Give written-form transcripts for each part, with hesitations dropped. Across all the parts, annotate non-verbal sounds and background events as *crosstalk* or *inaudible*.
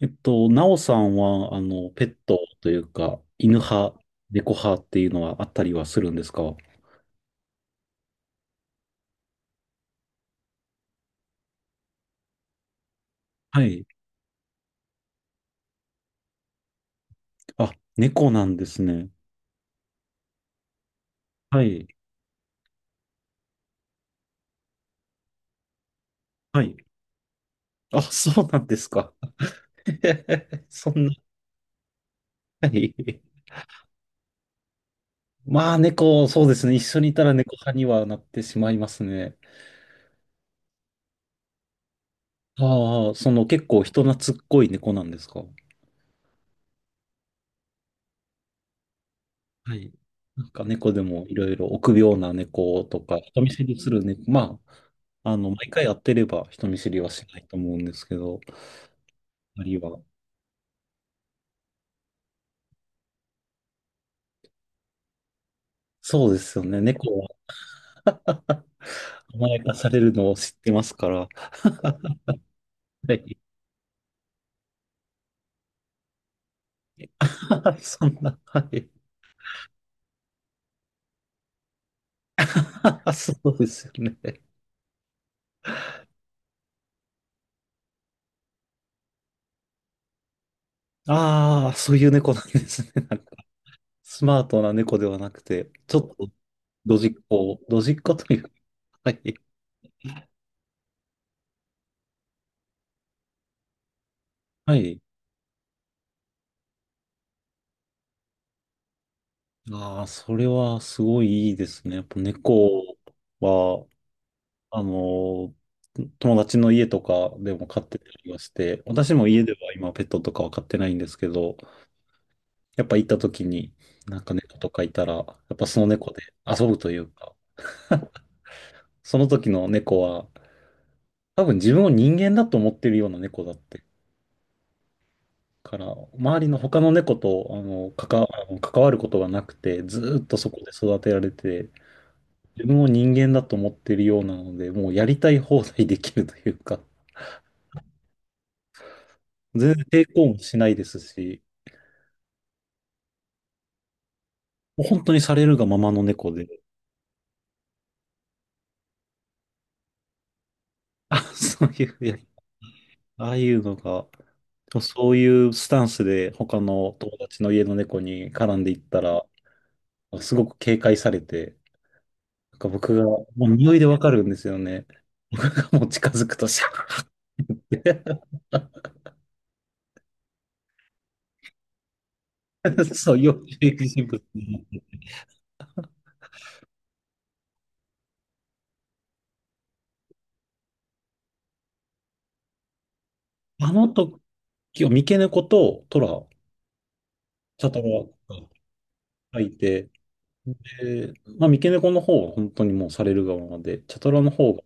なおさんは、ペットというか、犬派、猫派っていうのはあったりはするんですか？はい。あ、猫なんですね。はい。はい。あ、そうなんですか。*laughs* そんな、はい。まあ、猫、そうですね。一緒にいたら猫派にはなってしまいますね。ああ、その結構人懐っこい猫なんですか？はい。なんか猫でもいろいろ臆病な猫とか、人見知りする猫、まあ、毎回会ってれば人見知りはしないと思うんですけど、あるいは。そうですよね。猫は *laughs* 甘やかされるのを知ってますから。はい。*laughs* そんな、はい。*laughs* そうですよね。ああ、そういう猫なんですね。なんかスマートな猫ではなくて、ちょっとドジっ子、ドジっ子というか、はい。はい。ああ、それはすごいいいですね。やっぱ猫は、あの、友達の家とかでも飼ってたりはして、私も家では今ペットとかは飼ってないんですけど、やっぱ行った時になんか猫とかいたら、やっぱその猫で遊ぶというか、その時の猫は多分自分を人間だと思ってるような猫だってから、周りの他の猫と関わることがなくて、ずーっとそこで育てられて、自分を人間だと思ってるようなので、もうやりたい放題できるというか、全然抵抗もしないですし、もう本当にされるがままの猫で、あ、そういう、いやああいうのが、でもそういうスタンスで他の友達の家の猫に絡んでいったら、すごく警戒されて、なんか僕が、もう匂いでわかるんですよね。僕がもう近づくと、シャーって *laughs* そう、要注意人物に。あの時は、三毛猫とトラ、チャトラがいて、でまあ、三毛猫の方は本当にもうされる側で、チャトラの方が、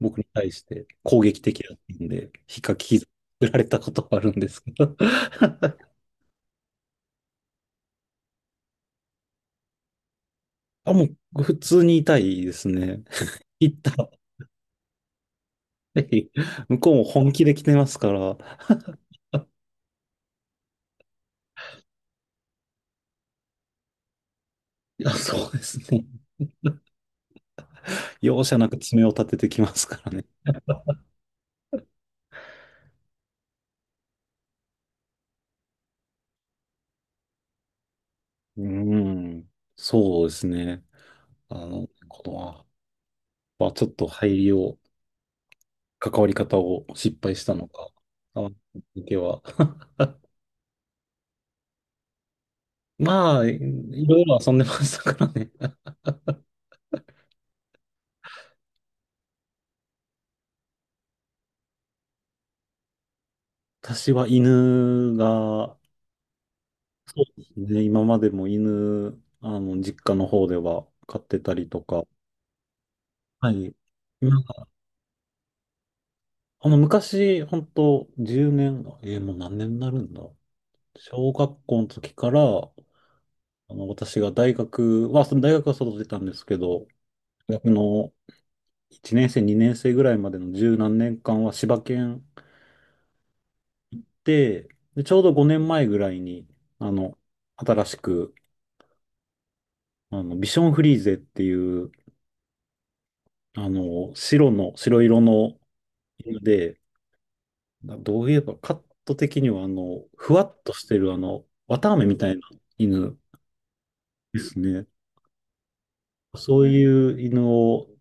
僕に対して攻撃的だったんで、ひっかき傷つけられたことはあるんですけど。*laughs* あ、もう普通に痛いですね。痛い。*laughs* ぜひ向こうも本気で来てますから。いや、そうですね。容赦なく爪を立ててきますからね。うん。そうですね。このは、まあ、ちょっと入りを、関わり方を失敗したのか。あの時は。まあ、いろいろ遊んでましたからね。私は犬がそうですね。今までも犬、実家の方では飼ってたりとか。はい。なんか、昔、本当10年、もう何年になるんだ。小学校の時から、私が大学は、その大学は外てたんですけど、大学の1年生、2年生ぐらいまでの十何年間は柴犬で、で、ちょうど5年前ぐらいに、あの、新しく、ビションフリーゼっていう、白の、白色のので、などういえばカット的には、ふわっとしてる、綿あめみたいな犬ですね。そういう犬を、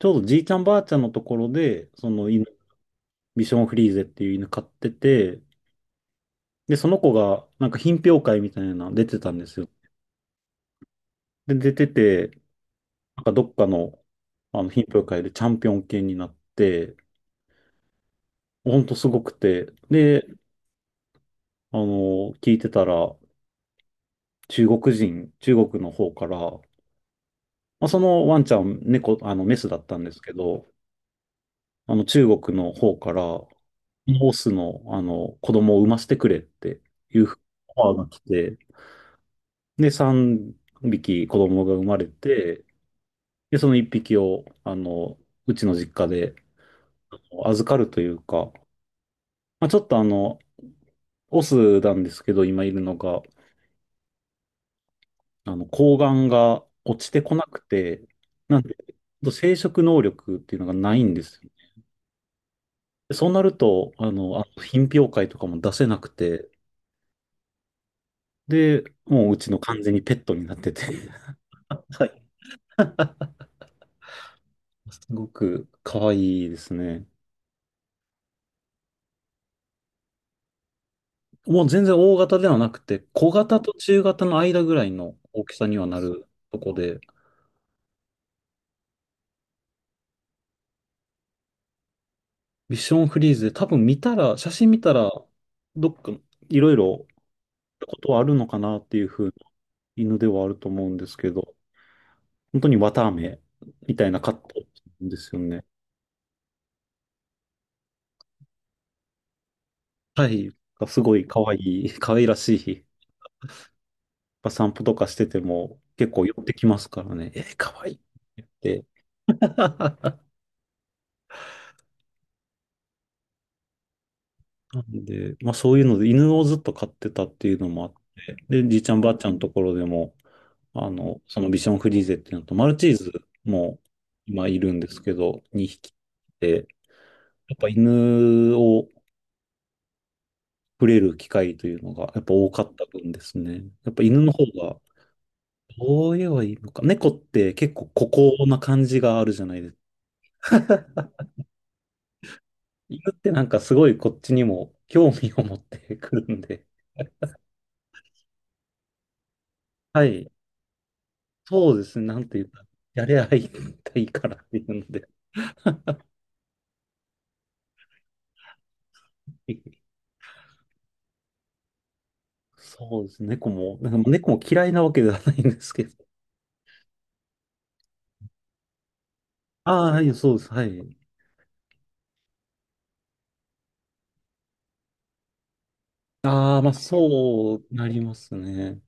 ちょうどじいちゃんばあちゃんのところで、その犬、ビションフリーゼっていう犬飼ってて、で、その子が、なんか品評会みたいなの出てたんですよ。で、出てて、なんかどっかの、あの品評会でチャンピオン犬になって、ほんとすごくて、で、聞いてたら、中国人、中国の方から、まあ、そのワンちゃん、猫、メスだったんですけど、中国の方から、オスの、子供を産ませてくれっていうオファーが来て、で、3匹子供が生まれて、で、その1匹を、うちの実家で預かるというか、まあ、ちょっとオスなんですけど、今いるのが、睾丸が落ちてこなくて、なんで、生殖能力っていうのがないんですよ。でそうなると、あの品評会とかも出せなくて、で、もううちの完全にペットになってて *laughs* はい。すごく可愛いですね。もう全然大型ではなくて、小型と中型の間ぐらいの大きさにはなるとこで、ビションフリーズで多分見たら、写真見たら、どっかいろいろことはあるのかなっていう風な犬ではあると思うんですけど、本当に綿あめみたいなカットなんですよね。はい。すごい可愛い、可愛らしい。ぱ散歩とかしてても結構寄ってきますからね。かわいいって言って。なんで、まあそういうので犬をずっと飼ってたっていうのもあって、で、じいちゃんばあちゃんのところでも、そのビションフリーゼっていうのと、マルチーズも今いるんですけど、2匹で、やっぱ犬を触れる機会というのがやっぱ多かった分ですね。やっぱ犬の方が、どう言えばいいのか。猫って結構孤高な感じがあるじゃないですか。犬ってなんかすごいこっちにも興味を持ってくるんで、はい、そうですね、なんていうか、やればいいからっていうので、そうですね、猫も、なんか猫も嫌いなわけではないんですけど、ああ、はい、そうです、はい。ああ、まあ、そうなりますね。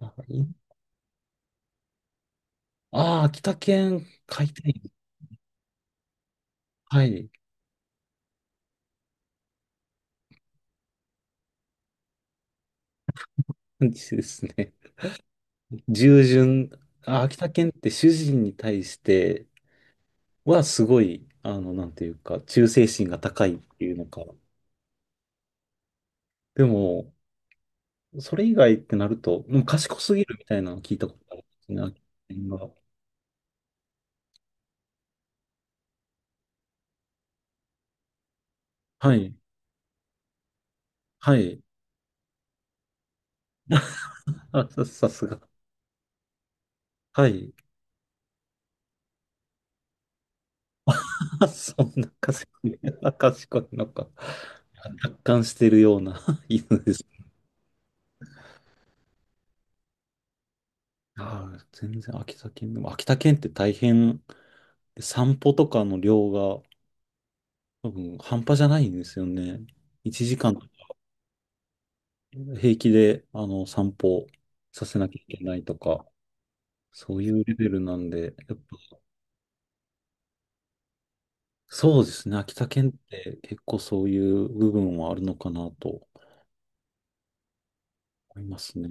ああー、秋田犬飼いたい。はい、感じですね。従順、あ、秋田犬って主人に対してはすごい、なんていうか、忠誠心が高いっていうのか。でも、それ以外ってなると、もう賢すぎるみたいなのを聞いたことあるんですね、秋田犬が。はい。はい。あ、さすが。はい。*laughs* あ、そんな賢い、あ賢いのか。達観してるような *laughs* 犬です。ああ、全然秋田県でも、秋田県って大変、散歩とかの量が多分半端じゃないんですよね。1時間平気で散歩させなきゃいけないとか、そういうレベルなんで、やっぱそうですね。秋田県って結構そういう部分はあるのかなと思いますね。